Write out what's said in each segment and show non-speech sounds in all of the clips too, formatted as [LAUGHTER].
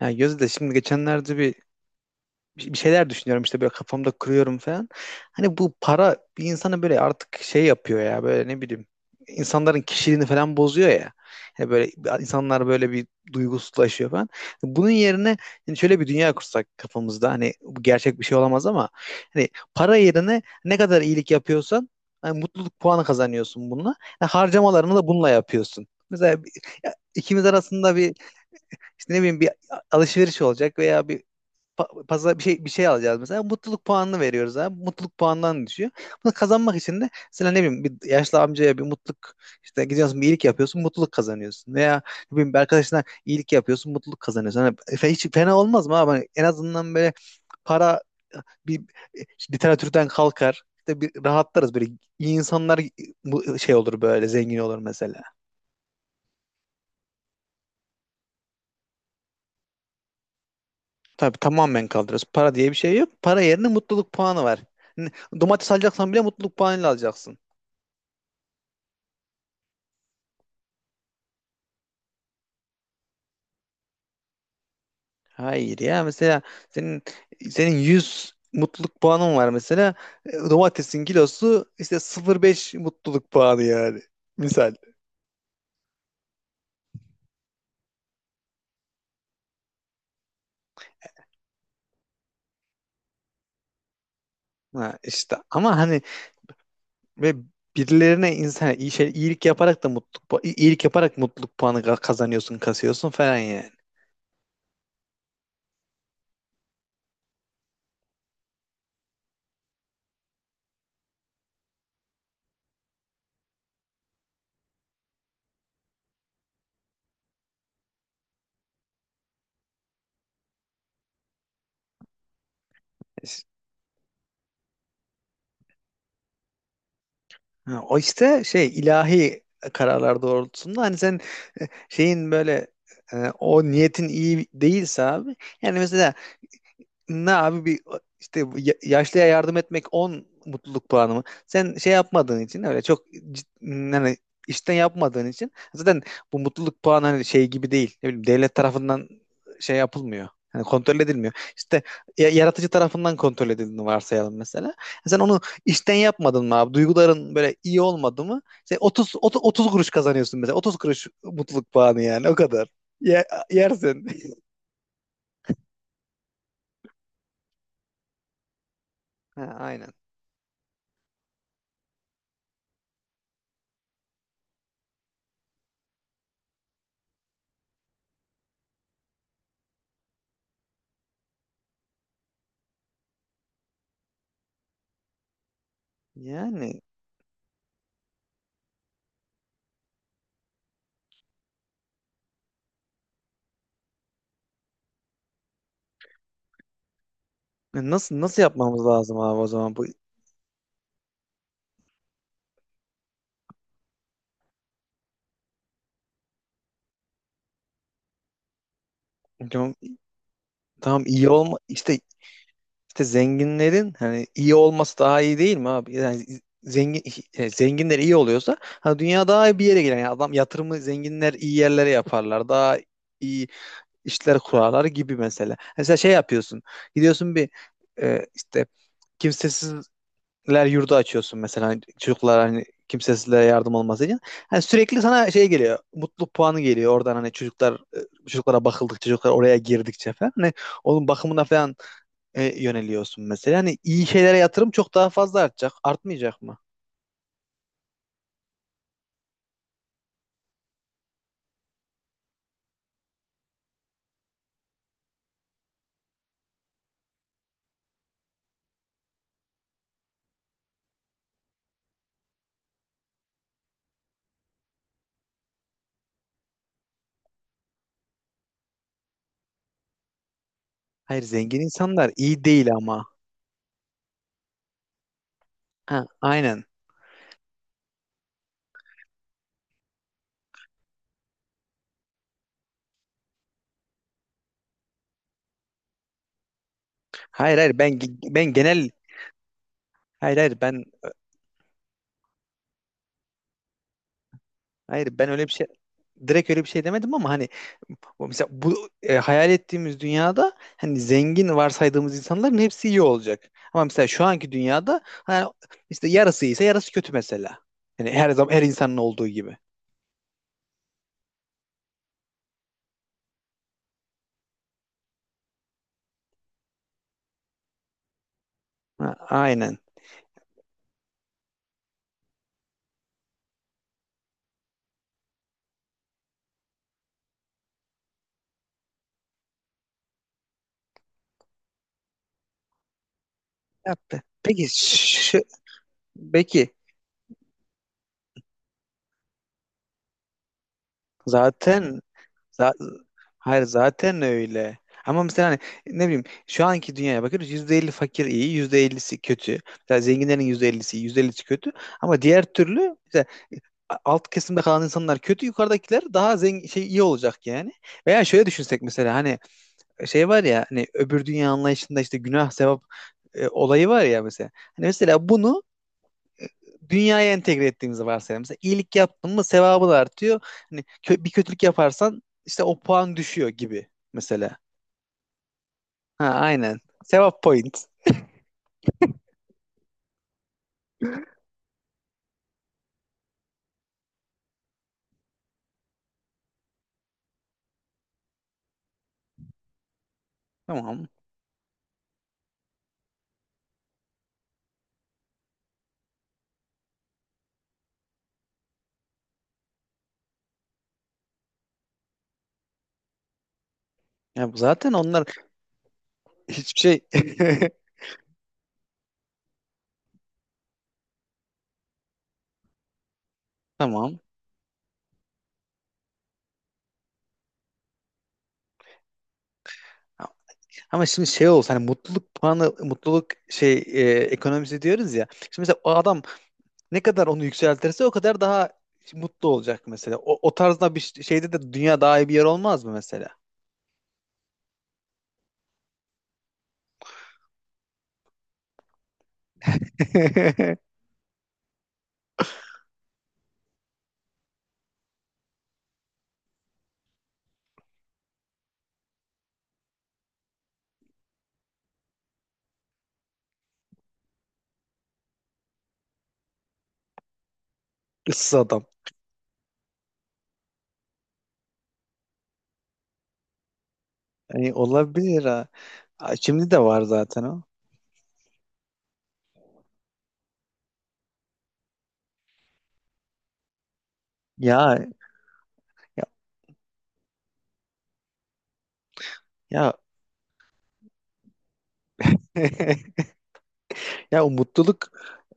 Ya Gözde şimdi geçenlerde bir şeyler düşünüyorum işte böyle kafamda kırıyorum falan. Hani bu para bir insanı böyle artık şey yapıyor ya böyle ne bileyim insanların kişiliğini falan bozuyor ya. Hani böyle insanlar böyle bir duygusuzlaşıyor falan. Bunun yerine hani şöyle bir dünya kursak kafamızda, hani bu gerçek bir şey olamaz ama hani para yerine ne kadar iyilik yapıyorsan hani mutluluk puanı kazanıyorsun bununla. Yani harcamalarını da bununla yapıyorsun. Mesela ya ikimiz arasında bir işte ne bileyim bir alışveriş olacak veya bir pazar bir şey alacağız mesela. Mutluluk puanını veriyoruz abi. Mutluluk puanından düşüyor. Bunu kazanmak için de mesela ne bileyim bir yaşlı amcaya bir mutluluk işte gidiyorsun bir iyilik yapıyorsun mutluluk kazanıyorsun. Veya ne bileyim bir arkadaşına iyilik yapıyorsun mutluluk kazanıyorsun. Hani hiç fena olmaz mı abi? Hani en azından böyle para e, bir işte literatürden kalkar. İşte bir rahatlarız böyle, iyi insanlar bu şey olur, böyle zengin olur mesela. Tabii tamamen kaldırırız. Para diye bir şey yok. Para yerine mutluluk puanı var. N- Domates alacaksan bile mutluluk puanıyla alacaksın. Hayır ya, mesela senin senin 100 mutluluk puanın var mesela. Domatesin kilosu işte 0,5 mutluluk puanı yani. Misal. Ha işte, ama hani ve birilerine insan iyi şey iyilik yaparak da mutluluk iyilik yaparak mutluluk puanı kazanıyorsun, kasıyorsun falan yani. İşte- ha, o işte şey ilahi kararlar doğrultusunda hani sen şeyin böyle o niyetin iyi değilse abi, yani mesela ne abi, bir işte yaşlıya yardım etmek 10 mutluluk puanı mı? Sen şey yapmadığın için öyle çok yani işten yapmadığın için zaten bu mutluluk puanı hani şey gibi değil. Ne bileyim devlet tarafından şey yapılmıyor. Yani kontrol edilmiyor. İşte yaratıcı tarafından kontrol edildiğini varsayalım mesela. Sen onu işten yapmadın mı abi? Duyguların böyle iyi olmadı mı? Sen 30 kuruş kazanıyorsun mesela. 30 kuruş mutluluk puanı yani, o kadar. Ye- Yersin. [LAUGHS] Ha, aynen. Yani nasıl yapmamız lazım abi, o zaman bu tamam, tamam iyi olma işte zenginlerin hani iyi olması daha iyi değil mi abi? Yani zengin zenginler iyi oluyorsa ha, dünya daha iyi bir yere gider. Yani adam yatırımı zenginler iyi yerlere yaparlar. Daha iyi işler kurarlar gibi mesela. Mesela şey yapıyorsun. Gidiyorsun bir işte kimsesiz ler yurdu açıyorsun mesela, hani çocuklar, hani kimsesizlere yardım olması için. Hani sürekli sana şey geliyor. Mutluluk puanı geliyor oradan, hani çocuklar çocuklara bakıldıkça, çocuklar oraya girdikçe falan. Hani onun bakımına falan yöneliyorsun mesela. Hani iyi şeylere yatırım çok daha fazla artacak. Artmayacak mı? Hayır, zengin insanlar iyi değil ama. Ha, aynen. Hayır hayır, ben genel, hayır ben, hayır ben öyle bir şey direkt öyle bir şey demedim ama hani o mesela bu hayal ettiğimiz dünyada hani zengin varsaydığımız insanların hepsi iyi olacak. Ama mesela şu anki dünyada hani işte yarısı iyiyse yarısı kötü mesela. Yani her zaman her insanın olduğu gibi. Ha, aynen. Ya, peki peki zaten Za- hayır, zaten öyle. Ama mesela hani ne bileyim şu anki dünyaya bakıyoruz, %50 iyi, %50'si kötü. Mesela zenginlerin %50'si iyi, %50'si kötü. Ama diğer türlü mesela e, alt kesimde kalan insanlar kötü, yukarıdakiler daha zengin şey iyi olacak yani. Veya şöyle düşünsek mesela, hani şey var ya, hani öbür dünya anlayışında işte günah sevap olayı var ya mesela. Hani mesela bunu dünyaya entegre ettiğimizi varsayalım. Mesela iyilik yaptın mı sevabı da artıyor. Hani bir kötülük yaparsan işte o puan düşüyor gibi mesela. Ha, aynen. Sevap point. Tamam. Ya bu zaten onlar hiçbir şey. [LAUGHS] Tamam. Ama şimdi şey olsa hani mutluluk puanı mutluluk şey ekonomisi diyoruz ya. Şimdi mesela o adam ne kadar onu yükseltirse o kadar daha mutlu olacak mesela. O, o tarzda bir şeyde de dünya daha iyi bir yer olmaz mı mesela? [LAUGHS] Issız adam. Yani olabilir ha. Aa, şimdi de var zaten o. Ya ya ya, [LAUGHS] ya o mutluluk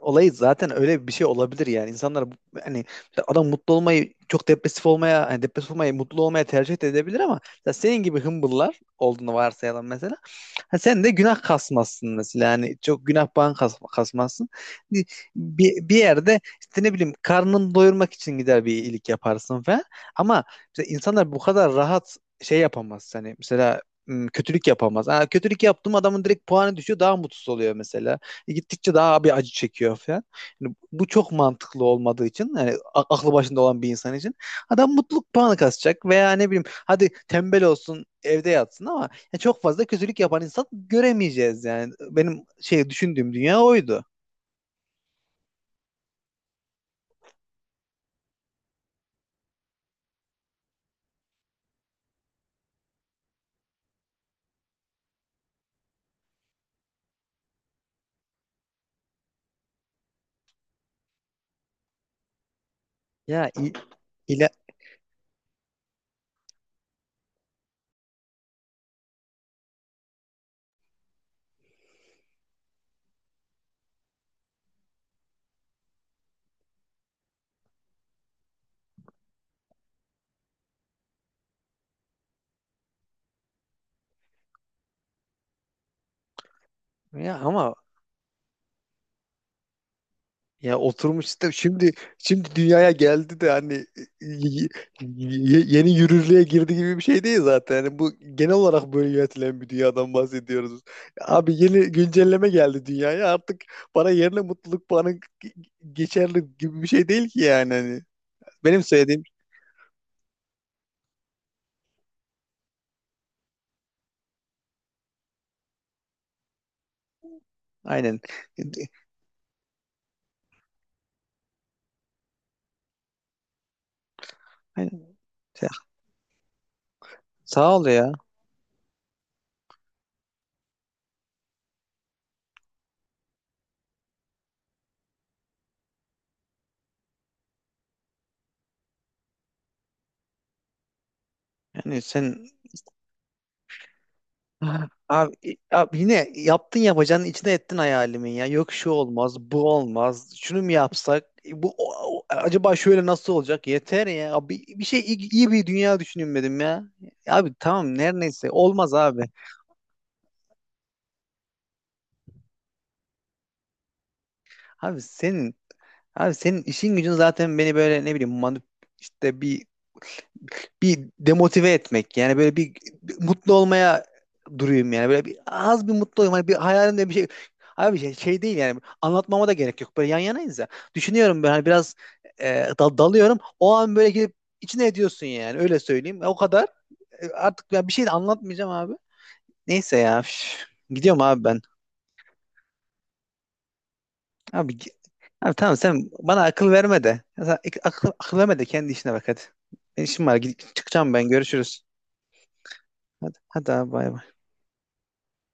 olayı zaten öyle bir şey olabilir yani. İnsanlar hani mesela adam mutlu olmayı çok depresif olmaya, hani depresif olmayı mutlu olmaya tercih de edebilir ama mesela senin gibi hımbıllar olduğunu varsayalım mesela. Ha, sen de günah kasmazsın mesela. Yani çok günah bağın kasmazsın. Bir, bir yerde işte ne bileyim karnını doyurmak için gider bir iyilik yaparsın falan. Ama mesela insanlar bu kadar rahat şey yapamaz. Hani mesela kötülük yapamaz. Ha, kötülük yaptım, adamın direkt puanı düşüyor, daha mutsuz oluyor mesela. Gittikçe daha bir acı çekiyor falan. Yani bu çok mantıklı olmadığı için yani aklı başında olan bir insan için adam mutluluk puanı kasacak veya ne bileyim hadi tembel olsun evde yatsın ama ya çok fazla kötülük yapan insan göremeyeceğiz yani. Benim şey düşündüğüm dünya oydu. Ya i- ile, ya ama, ya oturmuş sistem şimdi, şimdi dünyaya geldi de hani y- yeni yürürlüğe girdi gibi bir şey değil zaten. Yani bu genel olarak böyle yönetilen bir dünyadan bahsediyoruz. Abi yeni güncelleme geldi dünyaya, artık para yerine mutluluk puanı g- geçerli gibi bir şey değil ki yani. Hani benim söylediğim. Aynen. Aynen. Sağ ol ya. Yani sen [LAUGHS] abi, yine yaptın yapacağın, içine ettin hayalimin ya. Yok şu olmaz, bu olmaz. Şunu mu yapsak? Bu acaba şöyle nasıl olacak? Yeter ya. Abi bir şey iyi, iyi bir dünya düşünmedim ya. Abi tamam, neredeyse olmaz abi. Abi senin, abi senin işin gücün zaten beni böyle ne bileyim manip işte bir bir demotive etmek yani böyle bir, bir mutlu olmaya duruyum yani böyle bir az bir mutlu olayım hani bir hayalimde bir şey abi şey, şey değil yani anlatmama da gerek yok böyle yan yanayız ya düşünüyorum ben hani biraz dalıyorum o an böyle gidip içine ediyorsun yani öyle söyleyeyim, o kadar. Artık ben bir şey de anlatmayacağım abi, neyse ya, üf. Gidiyorum abi ben. Abi, abi tamam, sen bana akıl verme de, ya sen, akıl verme de kendi işine bak hadi. Ben işim var, gidip çıkacağım ben, görüşürüz. Hadi, hadi abi, bay bay.